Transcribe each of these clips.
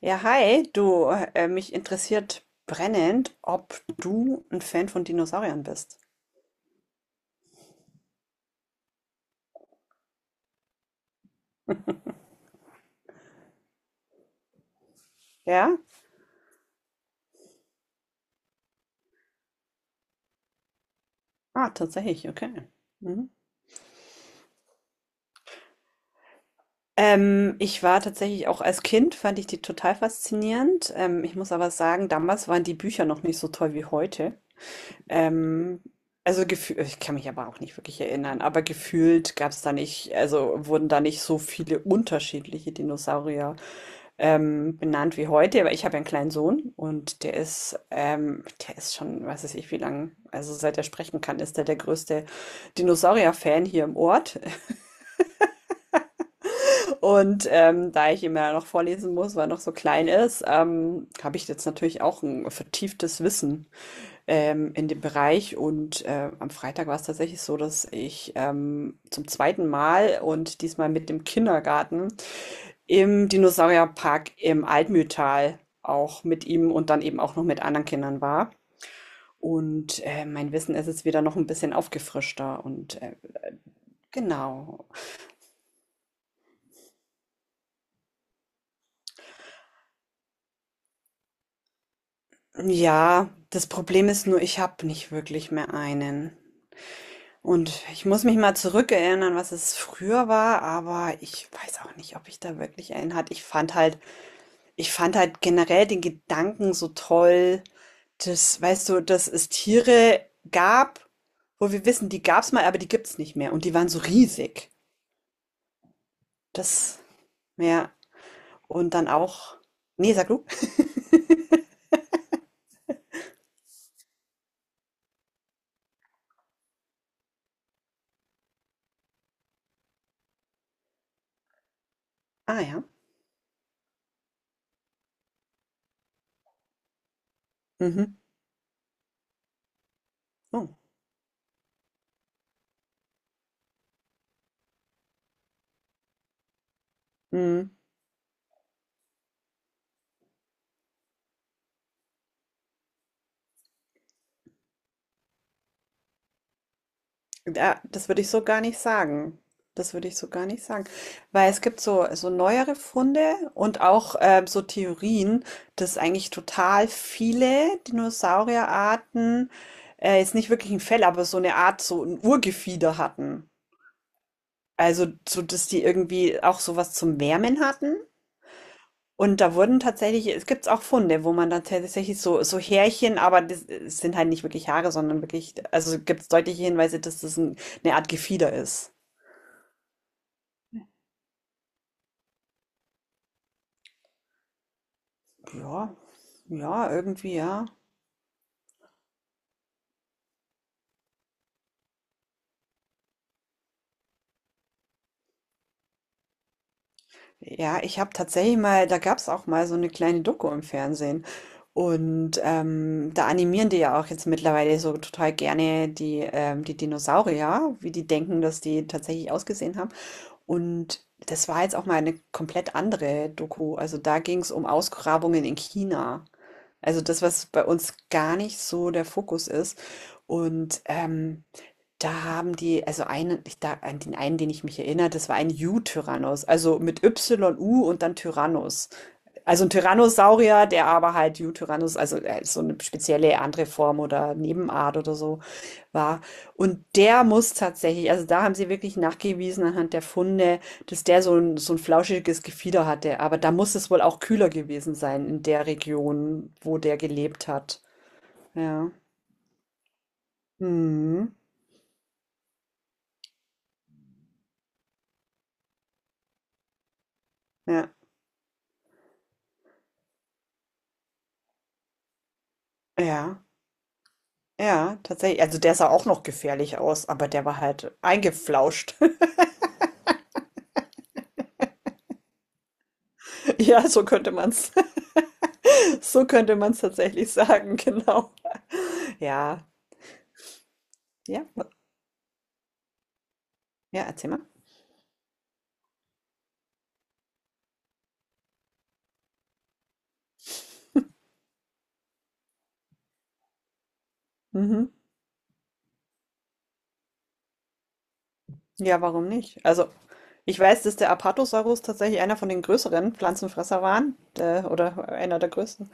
Ja, hi, du, mich interessiert brennend, ob du ein Fan von Dinosauriern bist. Ja? Ah, tatsächlich, okay. Mhm. Ich war tatsächlich auch als Kind, fand ich die total faszinierend. Ich muss aber sagen, damals waren die Bücher noch nicht so toll wie heute. Ähm, also gefühlt, ich kann mich aber auch nicht wirklich erinnern, aber gefühlt gab es da nicht, also wurden da nicht so viele unterschiedliche Dinosaurier benannt wie heute, aber ich habe ja einen kleinen Sohn und der ist schon, weiß ich, wie lang, also seit er sprechen kann, ist er der größte Dinosaurier-Fan hier im Ort. Und da ich ihm ja noch vorlesen muss, weil er noch so klein ist, habe ich jetzt natürlich auch ein vertieftes Wissen in dem Bereich. Und am Freitag war es tatsächlich so, dass ich zum zweiten Mal und diesmal mit dem Kindergarten im Dinosaurierpark im Altmühltal auch mit ihm und dann eben auch noch mit anderen Kindern war. Und, mein Wissen ist jetzt wieder noch ein bisschen aufgefrischter und, genau. Ja, das Problem ist nur, ich habe nicht wirklich mehr einen. Und ich muss mich mal zurückerinnern, was es früher war, aber ich weiß auch nicht, ob ich da wirklich einen hatte. Ich fand halt generell den Gedanken so toll. Das weißt du, dass es Tiere gab, wo wir wissen, die gab's mal, aber die gibt's nicht mehr und die waren so riesig. Das ja, und dann auch ne, sag du. Ah ja. Mhm. Oh. Mhm. Da das würde ich so gar nicht sagen. Das würde ich so gar nicht sagen. Weil es gibt so neuere Funde und auch, so Theorien, dass eigentlich total viele Dinosaurierarten, jetzt nicht wirklich ein Fell, aber so eine Art so ein Urgefieder hatten. Also, so dass die irgendwie auch sowas zum Wärmen hatten. Und da wurden tatsächlich, es gibt auch Funde, wo man dann tatsächlich so, so Härchen, aber das es sind halt nicht wirklich Haare, sondern wirklich, also gibt es deutliche Hinweise, dass das ein, eine Art Gefieder ist. Ja, ja, irgendwie, ja. Ja, ich habe tatsächlich mal da gab's auch mal so eine kleine Doku im Fernsehen. Und, da animieren die ja auch jetzt mittlerweile so total gerne die, die Dinosaurier, wie die denken, dass die tatsächlich ausgesehen haben. Und das war jetzt auch mal eine komplett andere Doku. Also, da ging's um Ausgrabungen in China. Also das, was bei uns gar nicht so der Fokus ist. Und da haben die, also einen, ich, da, an den einen, den ich mich erinnere, das war ein U-Tyrannos, also mit Y-U und dann Tyrannos. Also ein Tyrannosaurier, der aber halt U-Tyrannos, also so eine spezielle andere Form oder Nebenart oder so war. Und der muss tatsächlich, also da haben sie wirklich nachgewiesen anhand der Funde, dass der so ein flauschiges Gefieder hatte. Aber da muss es wohl auch kühler gewesen sein in der Region, wo der gelebt hat. Ja. Mhm. Ja, ja, ja, tatsächlich. Also der sah auch noch gefährlich aus, aber der war halt eingeflauscht. Ja, so könnte man's, so könnte man's tatsächlich sagen, genau. Ja, ja, ja, erzähl mal. Mhm. Ja, warum nicht? Also, ich weiß, dass der Apatosaurus tatsächlich einer von den größeren Pflanzenfresser waren, oder einer der größten.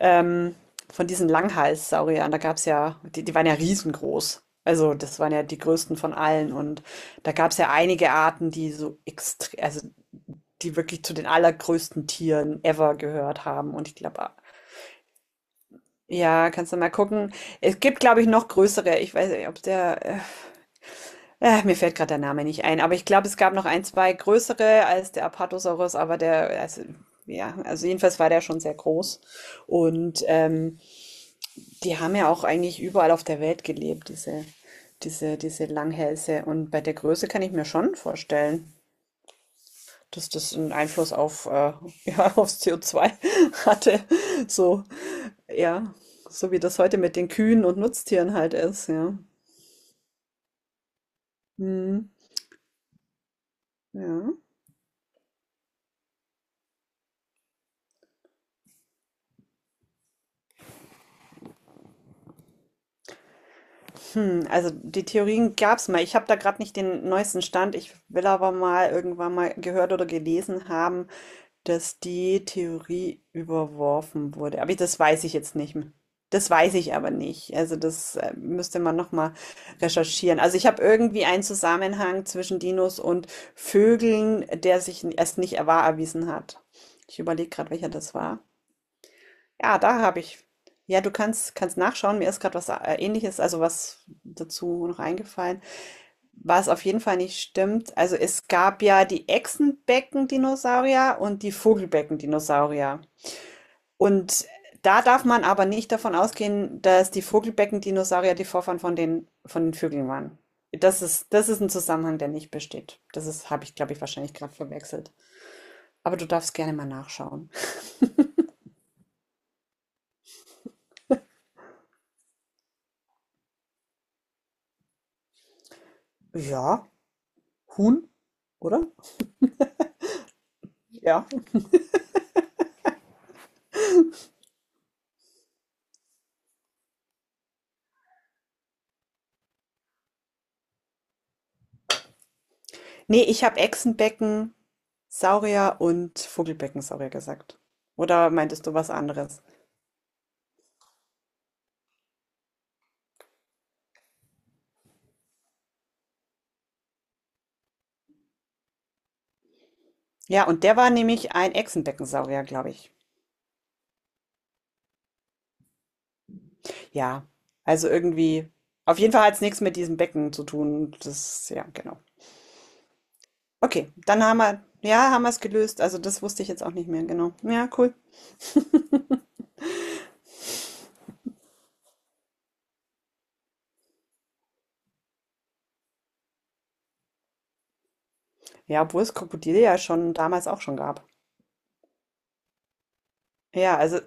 Ähm, von diesen Langhalssauriern, da gab es ja, die, die waren ja riesengroß. Also, das waren ja die größten von allen. Und da gab es ja einige Arten, die so extrem, also die wirklich zu den allergrößten Tieren ever gehört haben. Und ich glaube, ja, kannst du mal gucken. Es gibt, glaube ich, noch größere. Ich weiß nicht, ob der mir fällt gerade der Name nicht ein, aber ich glaube, es gab noch ein, 2 größere als der Apatosaurus, aber der, also, ja, also jedenfalls war der schon sehr groß. Und die haben ja auch eigentlich überall auf der Welt gelebt, diese, diese, diese Langhälse. Und bei der Größe kann ich mir schon vorstellen, dass das einen Einfluss auf, ja, aufs CO2 hatte. So, ja, so wie das heute mit den Kühen und Nutztieren halt ist, ja. Hm, ja. Hm, also die Theorien gab's mal. Ich habe da gerade nicht den neuesten Stand. Ich will aber mal irgendwann mal gehört oder gelesen haben, dass die Theorie überworfen wurde. Aber das weiß ich jetzt nicht. Das weiß ich aber nicht. Also das müsste man noch mal recherchieren. Also ich habe irgendwie einen Zusammenhang zwischen Dinos und Vögeln, der sich erst nicht wahr erwiesen hat. Ich überlege gerade, welcher das war. Ja, da habe ich. Ja, du kannst nachschauen. Mir ist gerade was Ähnliches, also was dazu noch eingefallen. Was auf jeden Fall nicht stimmt. Also es gab ja die Echsenbecken-Dinosaurier und die Vogelbecken-Dinosaurier. Und da darf man aber nicht davon ausgehen, dass die Vogelbecken-Dinosaurier die Vorfahren von den Vögeln waren. Das ist ein Zusammenhang, der nicht besteht. Das ist, habe ich, glaube ich, wahrscheinlich gerade verwechselt. Aber du darfst gerne mal nachschauen. Ja, Huhn, oder? Ja. Nee, ich habe Echsenbecken, Saurier und Vogelbeckensaurier gesagt. Oder meintest du was anderes? Ja, und der war nämlich ein Echsenbeckensaurier, glaube ich. Ja, also irgendwie. Auf jeden Fall hat es nichts mit diesem Becken zu tun. Das, ja, genau. Okay, dann haben wir, ja, haben wir es gelöst. Also das wusste ich jetzt auch nicht mehr, genau. Ja, cool. Ja, obwohl es Krokodile ja schon damals auch schon gab. Ja, also,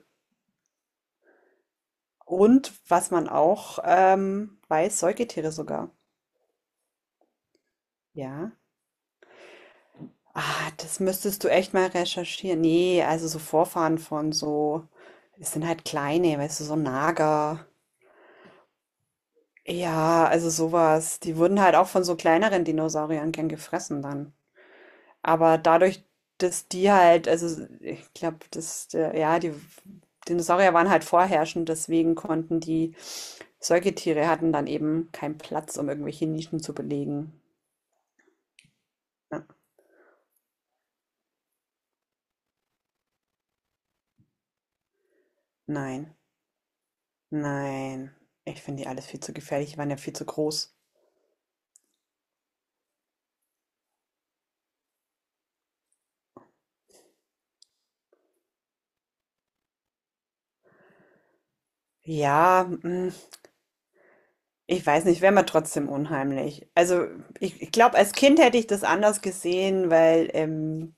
und was man auch weiß, Säugetiere sogar. Ja. Ah, das müsstest du echt mal recherchieren. Ne, also so Vorfahren von so es sind halt kleine, weißt du, so Nager. Ja, also sowas. Die wurden halt auch von so kleineren Dinosauriern gern gefressen dann. Aber dadurch, dass die halt, also ich glaube, dass, ja, die Dinosaurier waren halt vorherrschend, deswegen konnten die Säugetiere hatten dann eben keinen Platz, um irgendwelche Nischen zu belegen. Ja, nein, nein. Ich finde die alles viel zu gefährlich. Die waren ja viel zu groß. Ja, ich weiß nicht, wäre mir trotzdem unheimlich. Also ich glaube, als Kind hätte ich das anders gesehen, weil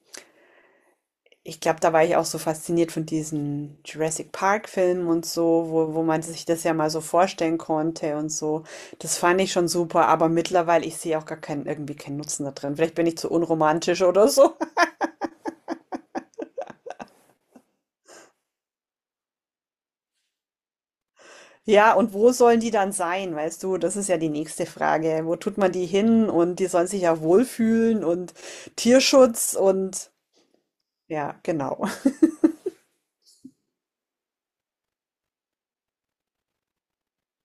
ich glaube, da war ich auch so fasziniert von diesen Jurassic Park-Filmen und so, wo, wo man sich das ja mal so vorstellen konnte und so. Das fand ich schon super, aber mittlerweile, ich sehe auch gar keinen, irgendwie keinen Nutzen da drin. Vielleicht bin ich zu unromantisch oder so. Ja, und wo sollen die dann sein, weißt du? Das ist ja die nächste Frage. Wo tut man die hin? Und die sollen sich ja wohlfühlen und Tierschutz und ja, genau.